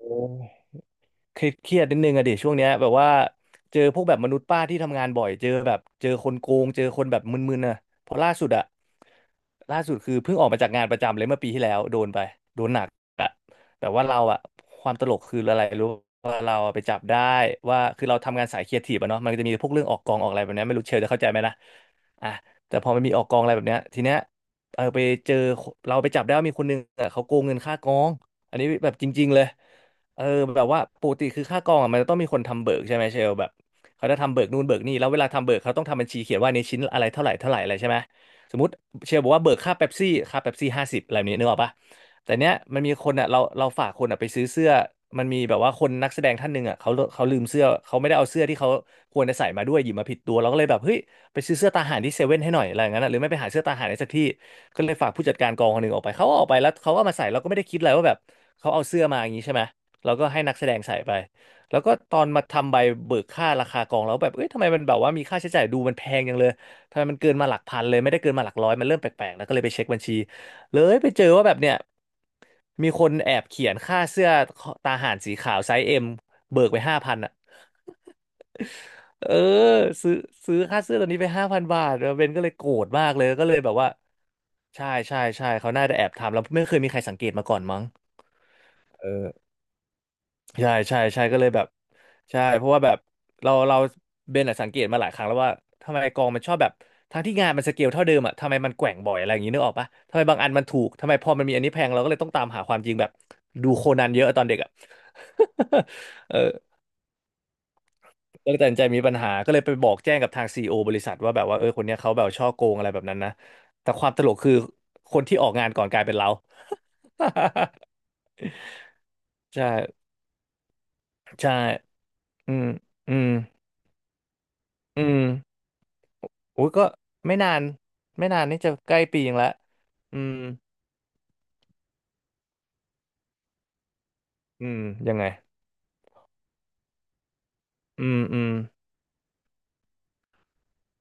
โอ้เครียดเครียดนิดนึงอะดิช่วงเนี้ยแบบว่าเจอพวกแบบมนุษย์ป้าที่ทำงานบ่อยเจอคนโกงเจอคนแบบมึนๆอะเพราะล่าสุดคือเพิ่งออกมาจากงานประจำเลยเมื่อปีที่แล้วโดนหนักอะแบบว่าเราอะความตลกคืออะไรรู้ว่าเราอะไปจับได้ว่าคือเราทำงานสายครีเอทีฟอะเนาะมันก็จะมีพวกเรื่องออกกองออกอะไรแบบเนี้ยไม่รู้เชลจะเข้าใจไหมนะอ่ะแต่พอมันมีออกกองอะไรแบบเนี้ยทีเนี้ยเออไปเจอเราไปจับได้ว่ามีคนนึงอะเขาโกงเงินค่ากองอันนี้แบบจริงๆเลย เออแบบว่าปกติคือค่ากองอะมันจะต้องมีคนทำเบิกใช่ไหมเชลแบบเขาจะทำเบิกนู่นเบิกนี่แล้วเวลาทำเบิกเขาต้องทำบัญชีเขียนว่าในชิ้นอะไรเท่าไหร่เท่าไหร่อะไรใช่ไหมสมมติเชลบอกว่าเบิกค่าเป๊ปซี่ค่าเป๊ปซี่50อะไรแบบนี้นึกออกปะแต่เนี้ยมันมีคนอ่ะเราฝากคนอ่ะไปซื้อเสื้อมันมีแบบว่าคนนักแสดงท่านหนึ่งอ่ะเขาลืมเสื้อเขาไม่ได้เอาเสื้อที่เขาควรจะใส่มาด้วยหยิบมาผิดตัวเราก็เลยแบบเฮ้ยไปซื้อเสื้อตาห่านที่เซเว่นให้หน่อยอะไรอย่างนั้นอะหรือไม่ไปหาเสื้อตาห่านในสักที่ก็เลยฝากผู้จัดการกองคนหนึ่งออกไปเขาก็ออกไปแล้วเขาก็มาใส่เราก็ไม่ได้คิดอะไรว่าแบบเขาเอาเสื้อมาอย่างนี้ใช่ไหม แล้วก็ให้นักแสดงใส่ไปแล้วก็ตอนมาทำใบเบิกค่าราคากองแล้วแบบเอ้ยทำไมมันแบบว่ามีค่าใช้จ่ายดูมันแพงจังเลยทำไมมันเกินมาหลักพันเลยไม่ได้เกินมาหลักร้อยมันเริ่มแปลกๆแล้วก็เลยไปเช็คบัญชีเลยไปเจอว่าแบบเนี่ยมีคนแอบเขียนค่าเสื้อตาห่านสีขาวไซส์เอ็มเบิกไปห้าพันอ่ะเออซื้อซื้อค่าเสื้อตัวนี้ไป5000 บาทแล้วเบนก็เลยโกรธมากเลยก็เลยแบบว่าใช่ใช่ใช่เขาน่าจะแอบทำแล้วไม่เคยมีใครสังเกตมาก่อนมั้งเออ ใช่ใช่ใช่ก็เลยแบบใช่เพราะว่าแบบเราเบนอะสังเกตมาหลายครั้งแล้วว่าทำไมกองมันชอบแบบทั้งที่งานมันสเกลเท่าเดิมอะทำไมมันแกว่งบ่อยอะไรอย่างนี้นึกออกปะทำไมบางอันมันถูกทำไมพอมันมีอันนี้แพงเราก็เลยต้องตามหาความจริงแบบดูโคนันเยอะตอนเด็กอะ เออก็เลยตัดสินใจมีปัญหาก็เลยไปบอกแจ้งกับทางซีอีโอบริษัทว่าแบบว่าเออคนเนี้ยเขาแบบช่อโกงอะไรแบบนั้นนะแต่ความตลกคือคนที่ออกงานก่อนกลายเป็นเรา ใช่ใช่อืมอืมอืม อุ้ยก็ไม่นานไม่นานนี่จะใกล้ปียังละอืมอืมยังไงอืมอืม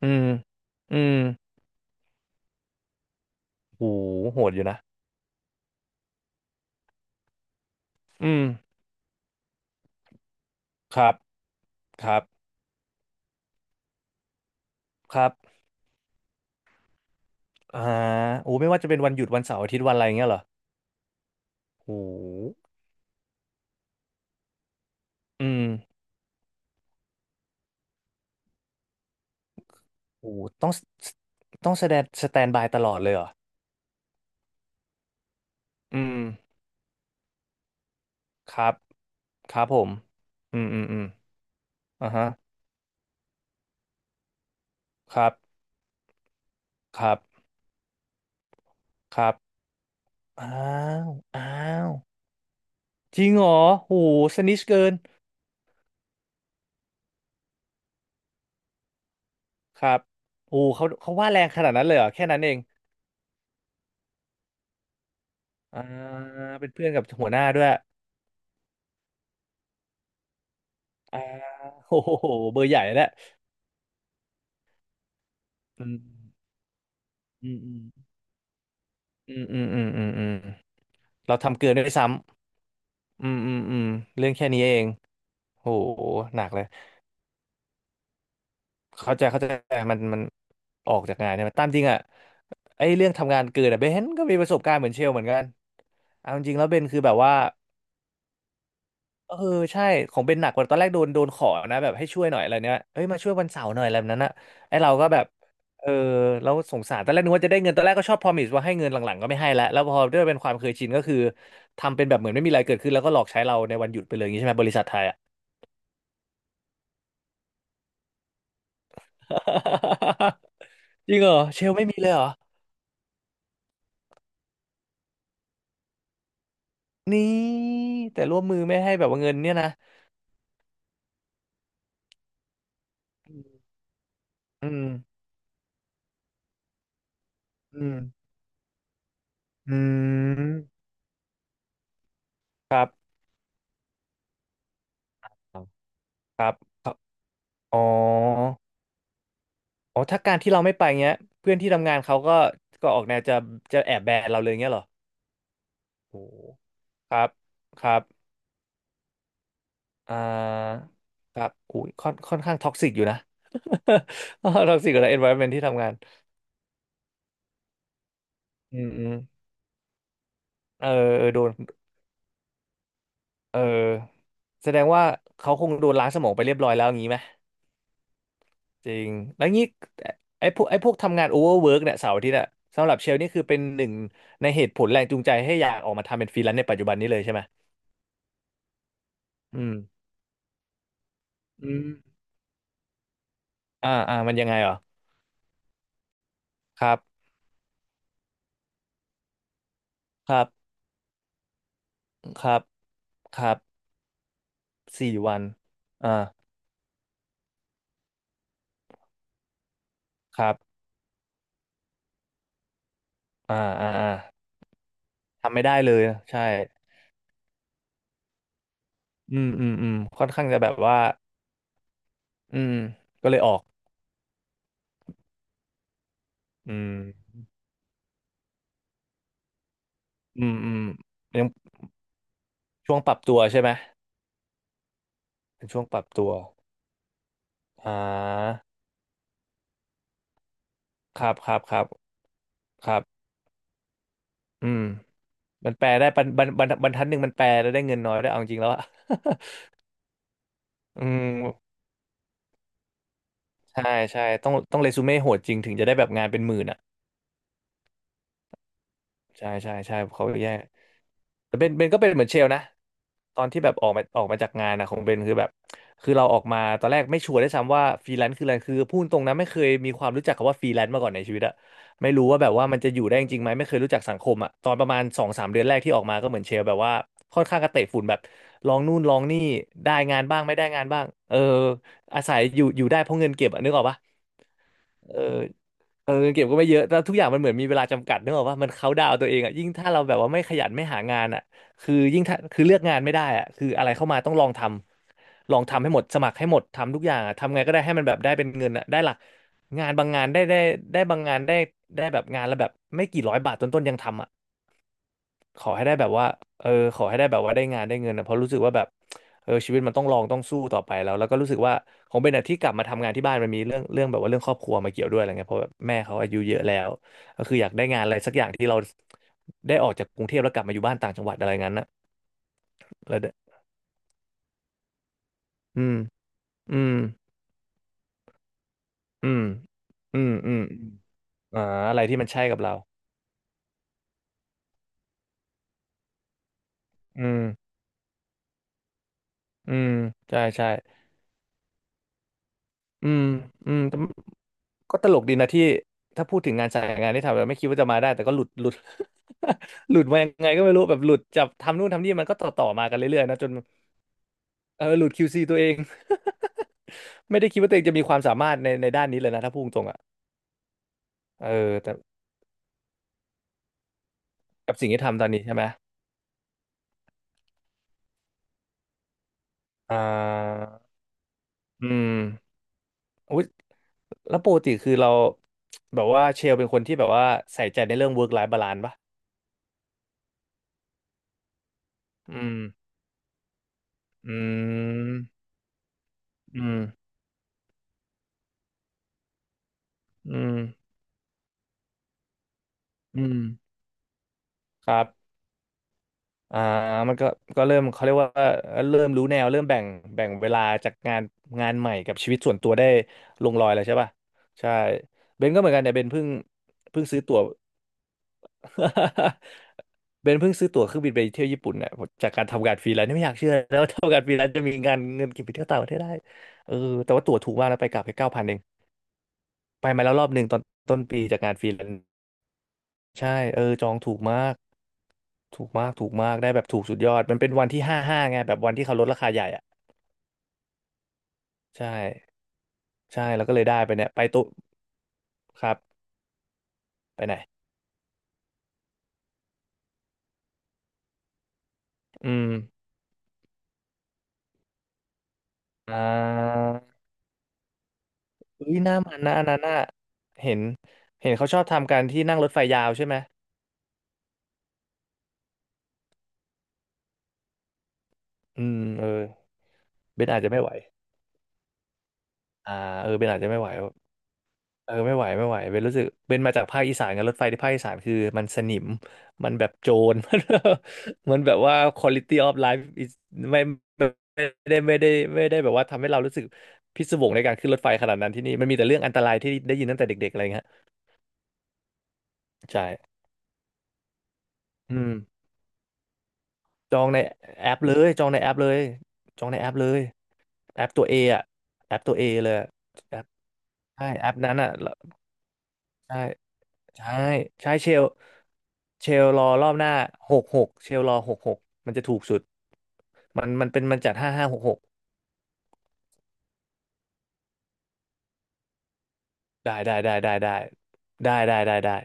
อืมอืมโหโหดอยู่นะอืมครับครับครับอ่าโอ้ไม่ว่าจะเป็นวันหยุดวันเสาร์อาทิตย์วันอะไรอย่างเงี้ยเหรอโหอืมโหต้องต้องแสดงสแตนบายตลอดเลยเหรออืมครับครับผมอืมอืมอืมอ่าฮะครับครับครับอ้าวอ้าวจริงเหรอโหสนิชเกิน ครับโอ้เขาว่าแรงขนาดนั้นเลยเหรอแค่นั้นเองอ่าเป็นเพื่อนกับหัวหน้าด้วยอ่า โอ้โหเบอร์ใหญ่แล้วอืมอืมอืมอืมอืมอืมอืมเราทำเกินด้วยซ้ำอืมอืมอืมเรื่องแค่นี้เองโอ้โหหนักเลยเข้าใจเข้าใจมันมันออกจากงานเนี่ยตามจริงอ่ะไอ้เรื่องทำงานเกินอ่ะเบนก็มีประสบการณ์เหมือนเชลเหมือนกันเอาจริงๆแล้วเบนคือแบบว่า เออใช่ของเบนหนักกว่าตอนแรกโดนขอนะแบบให้ช่วยหน่อยอะไรเนี้ยเอ้ยมาช่วยวันเสาร์หน่อยอะไรแบบนั้นอะไอเราก็แบบเออเราสงสารตอนแรกนึกว่าจะได้เงินตอนแรกก็ชอบพรอมิสว่าให้เงินหลังๆก็ไม่ให้แล้วแล้วพอด้วยเป็นความเคยชินก็คือทำเป็นแบบเหมือนไม่มีอะไรเกิดขึ้นแล้วก็หลอกใช้เราในวันหยุดไปเลยอย่างนี้ใช่ไหมบริษัทไทยอะ จริงเหรอเชลไม่มีเลยเหรอนี่แต่ร่วมมือไม่ให้แบบว่าเงินเนี่ยนะอืมอืมอืมครับครับอ๋อ อ๋อถ้าการที่เราไม่ไปเงี้ยเพื่อนที่ทำงานเขาก็ออกแนวจะแอบแบนเราเลยเงี้ยเหรอโอ้โหครับครับอ่าครับอุ้ยค่อนข้างท็อกซิกอยู่นะ ท็อกซิกกับ environment ที่ทำงานอืมอืมเออเออโดนเออแสดงว่าเขาคงโดนล้างสมองไปเรียบร้อยแล้วอย่างนี้ไหมจริงแล้วงี้ไอ้พวกทำงานโอเวอร์เวิร์กเนี่ยเสาร์อาทิตย์อะสำหรับเชลนี่คือเป็นหนึ่งในเหตุผลแรงจูงใจให้อยากออกมาทำเป็นฟรีแลนซ์ในปัจจุบันนี้เลยใช่ไหมอืมอืม อ่าอ่ามันยังไงเหรอครับครับครับครับ4 วันอ่าครับอ่าอ่าอ่าทำไม่ได้เลยใช่อืมอืมอืมค่อนข้างจะแบบว่าอืมก็เลยออกอืมอืมอืมยังช่วงปรับตัวใช่ไหมเป็นช่วงปรับตัวอ่าครับครับครับครับอืมมันแปลได้บรรทัดหนึ่งมันแปลแล้วได้เงินน้อยได้วยเอาจริงแล้วอะ อืมใช่ใช่ต้องเรซูเม่โหดจริงถึงจะได้แบบงานเป็นหมื่นอ่ะใช่ใช่ใช่เขาแย่ แต่เบนก็เป็นเหมือนเชลนะตอนที่แบบออกมาจากงานนะของเบนคือแบบคือเราออกมาตอนแรกไม่ชัวร์ด้วยซ้ำว่าฟรีแลนซ์คืออะไรคือพูดตรงนะไม่เคยมีความรู้จักคำว่าฟรีแลนซ์มาก่อนในชีวิตอะไม่รู้ว่าแบบว่ามันจะอยู่ได้จริงไหมไม่เคยรู้จักสังคมอะตอนประมาณสองสามเดือนแรกที่ออกมาก็เหมือนเชลแบบว่าค่อนข้างกระเตะฝุ่นแบบลองนู่นลองนี่ได้งานบ้างไม่ได้งานบ้างเอออาศัยอยู่ได้เพราะเงินเก็บอะนึกออกปะเออ เออเงินเก็บก็ไม่เยอะแต่ทุกอย่างมันเหมือนมีเวลาจำกัดนึกออกว่ามันเขาน์ดาวน์ตัวเองอ่ะยิ่งถ้าเราแบบว่าไม่ขยันไม่หางานอ่ะคือยิ่งถ้าคือเลือกงานไม่ได้อ่ะคืออะไรเข้ามาต้องลองทำให้หมดสมัครให้หมดทำทุกอย่างอ่ะทำไงก็ได้ให้มันแบบได้เป็นเงินอ่ะได้หลักงานบางงานได้ได้ได้บางงานได้ได้แบบงานละแบบไม่กี่ร้อยบาทต้นๆยังทำอ่ะ ขอให้ได้แบบว่าเออขอให้ได้แบบว่าได้งานได้เงินนะเพราะรู้สึกว่าแบบเออชีวิตมันต้องลองต้องสู้ต่อไปแล้ว แล้วก็รู้สึกว่าของเบนอะที่กลับมาทำงานที่บ้านมันมีเรื่องแบบว่าเรื่องครอบครัวมาเกี่ยวด้วยอะไรเงี้ยเพราะแบบแม่เขาอายุเยอะแล้วก็คืออยากได้งานอะไรสักอย่างที่เราได้ออกจากกรุงเทพแล้วกลับมาอยู่บ้านต่างจังหวัดอะไรงั้นนะแล้วเดอืมอืมอืมอืมอืมอมอ่าอะไรที่มันใช่กับเราอืมอืมใช่ใช่อืมอืม ก็ตลกดีนะที่ถ้าพูดถึงงานสายงานที่ทำแล้วไม่คิดว่าจะมาได้แต่ก็หลุดหลุด หลุดมายังไงก็ไม่รู้แบบหลุดจับทำนู่นทำนี่มันก็ต่อต่อมากันเรื่อยๆนะจนเออหลุด QC ตัวเอง ไม่ได้คิดว่าตัวเองจะมีความสามารถในด้านนี้เลยนะถ้าพูดตรงๆอ่ะเออแต่กับสิ่งที่ทำตอนนี้ใช่ไหมอ่าอืมอุ๊ยแล้วปกติคือเราแบบว่าเชลเป็นคนที่แบบว่าใส่ใจในเรื่อง work life balance ปะอืมอืมอืมอืมอืมครับ อ่ามันก็ก็เริ่มเขาเรียกว่าเริ่มรู้แนวเริ่มแบ่งแบ่งเวลาจากงานงานใหม่กับชีวิตส่วนตัวได้ลงรอยแล้วใช่ป่ะใช่เบนก็เหมือนกันเนี่ยเบนเพิ่งซื้อตั๋ว เบนเพิ่งซื้อตั๋วเครื่องบินไปเที่ยวญี่ปุ่นเนี่ยจากการทำงานฟรีแลนซ์ไม่อยากเชื่อแล้วาทำงานฟรีแลนซ์จะมีงานเงินเก็บไปเที่ยวต่างประเทศได้เออแต่ว่าตั๋วถูกมากนะไปกลับไป9,000เองไปมาแล้วรอบหนึ่งตอนต้นปีจากงานฟรีแลนซ์ ใช่เออจองถูกมากถูกมากถูกมากได้แบบถูกสุดยอดมันเป็นวันที่ห้าห้าไงแบบวันที่เขาลดราคาใหญ่อ่ะใช่ใช่แล้วก็เลยได้ไปเนี่ยไปตุครับไปไหนอืมอ่าอุ้ยหน้ามันนะอันนั้นน่ะเห็นเห็นเขาชอบทำกันที่นั่งรถไฟยาวใช่ไหมอืมเออเบนอาจจะไม่ไหวอ่าเออเบนอาจจะไม่ไหว เออไม่ไหวไม่ไหวเป็นรู้สึกเป็นมาจากภาคอีสานกันรถไฟที่ภาคอีสานคือมันสนิมมันแบบโจร มันแบบว่า quality of life is ไม่ไม่ได้ไม่ได้ไม่ได้แบบว่าทำให้เรารู้สึกพิศวงในการขึ้นรถไฟขนาดนั้นที่นี่มันมีแต่เรื่องอันตรายที่ได้ยินตั้งแต่เด็กๆอะไรเงี้ยใช่อืมจองในแอปเลยจองในแอปเลยจองในแอปเลยแอปตัวเออะแอปตัวเอเลยอะแอปใช่แอปนั้นอะแล้วใช่ ใช่ใช่เชลรอรอบหน้าหกหกเชลรอหกหกมันจะถูกสุดมันมันเป็นมันจัด5/5 6/6ได้ได้ได้ได้ได้ได้ได้ได้ได้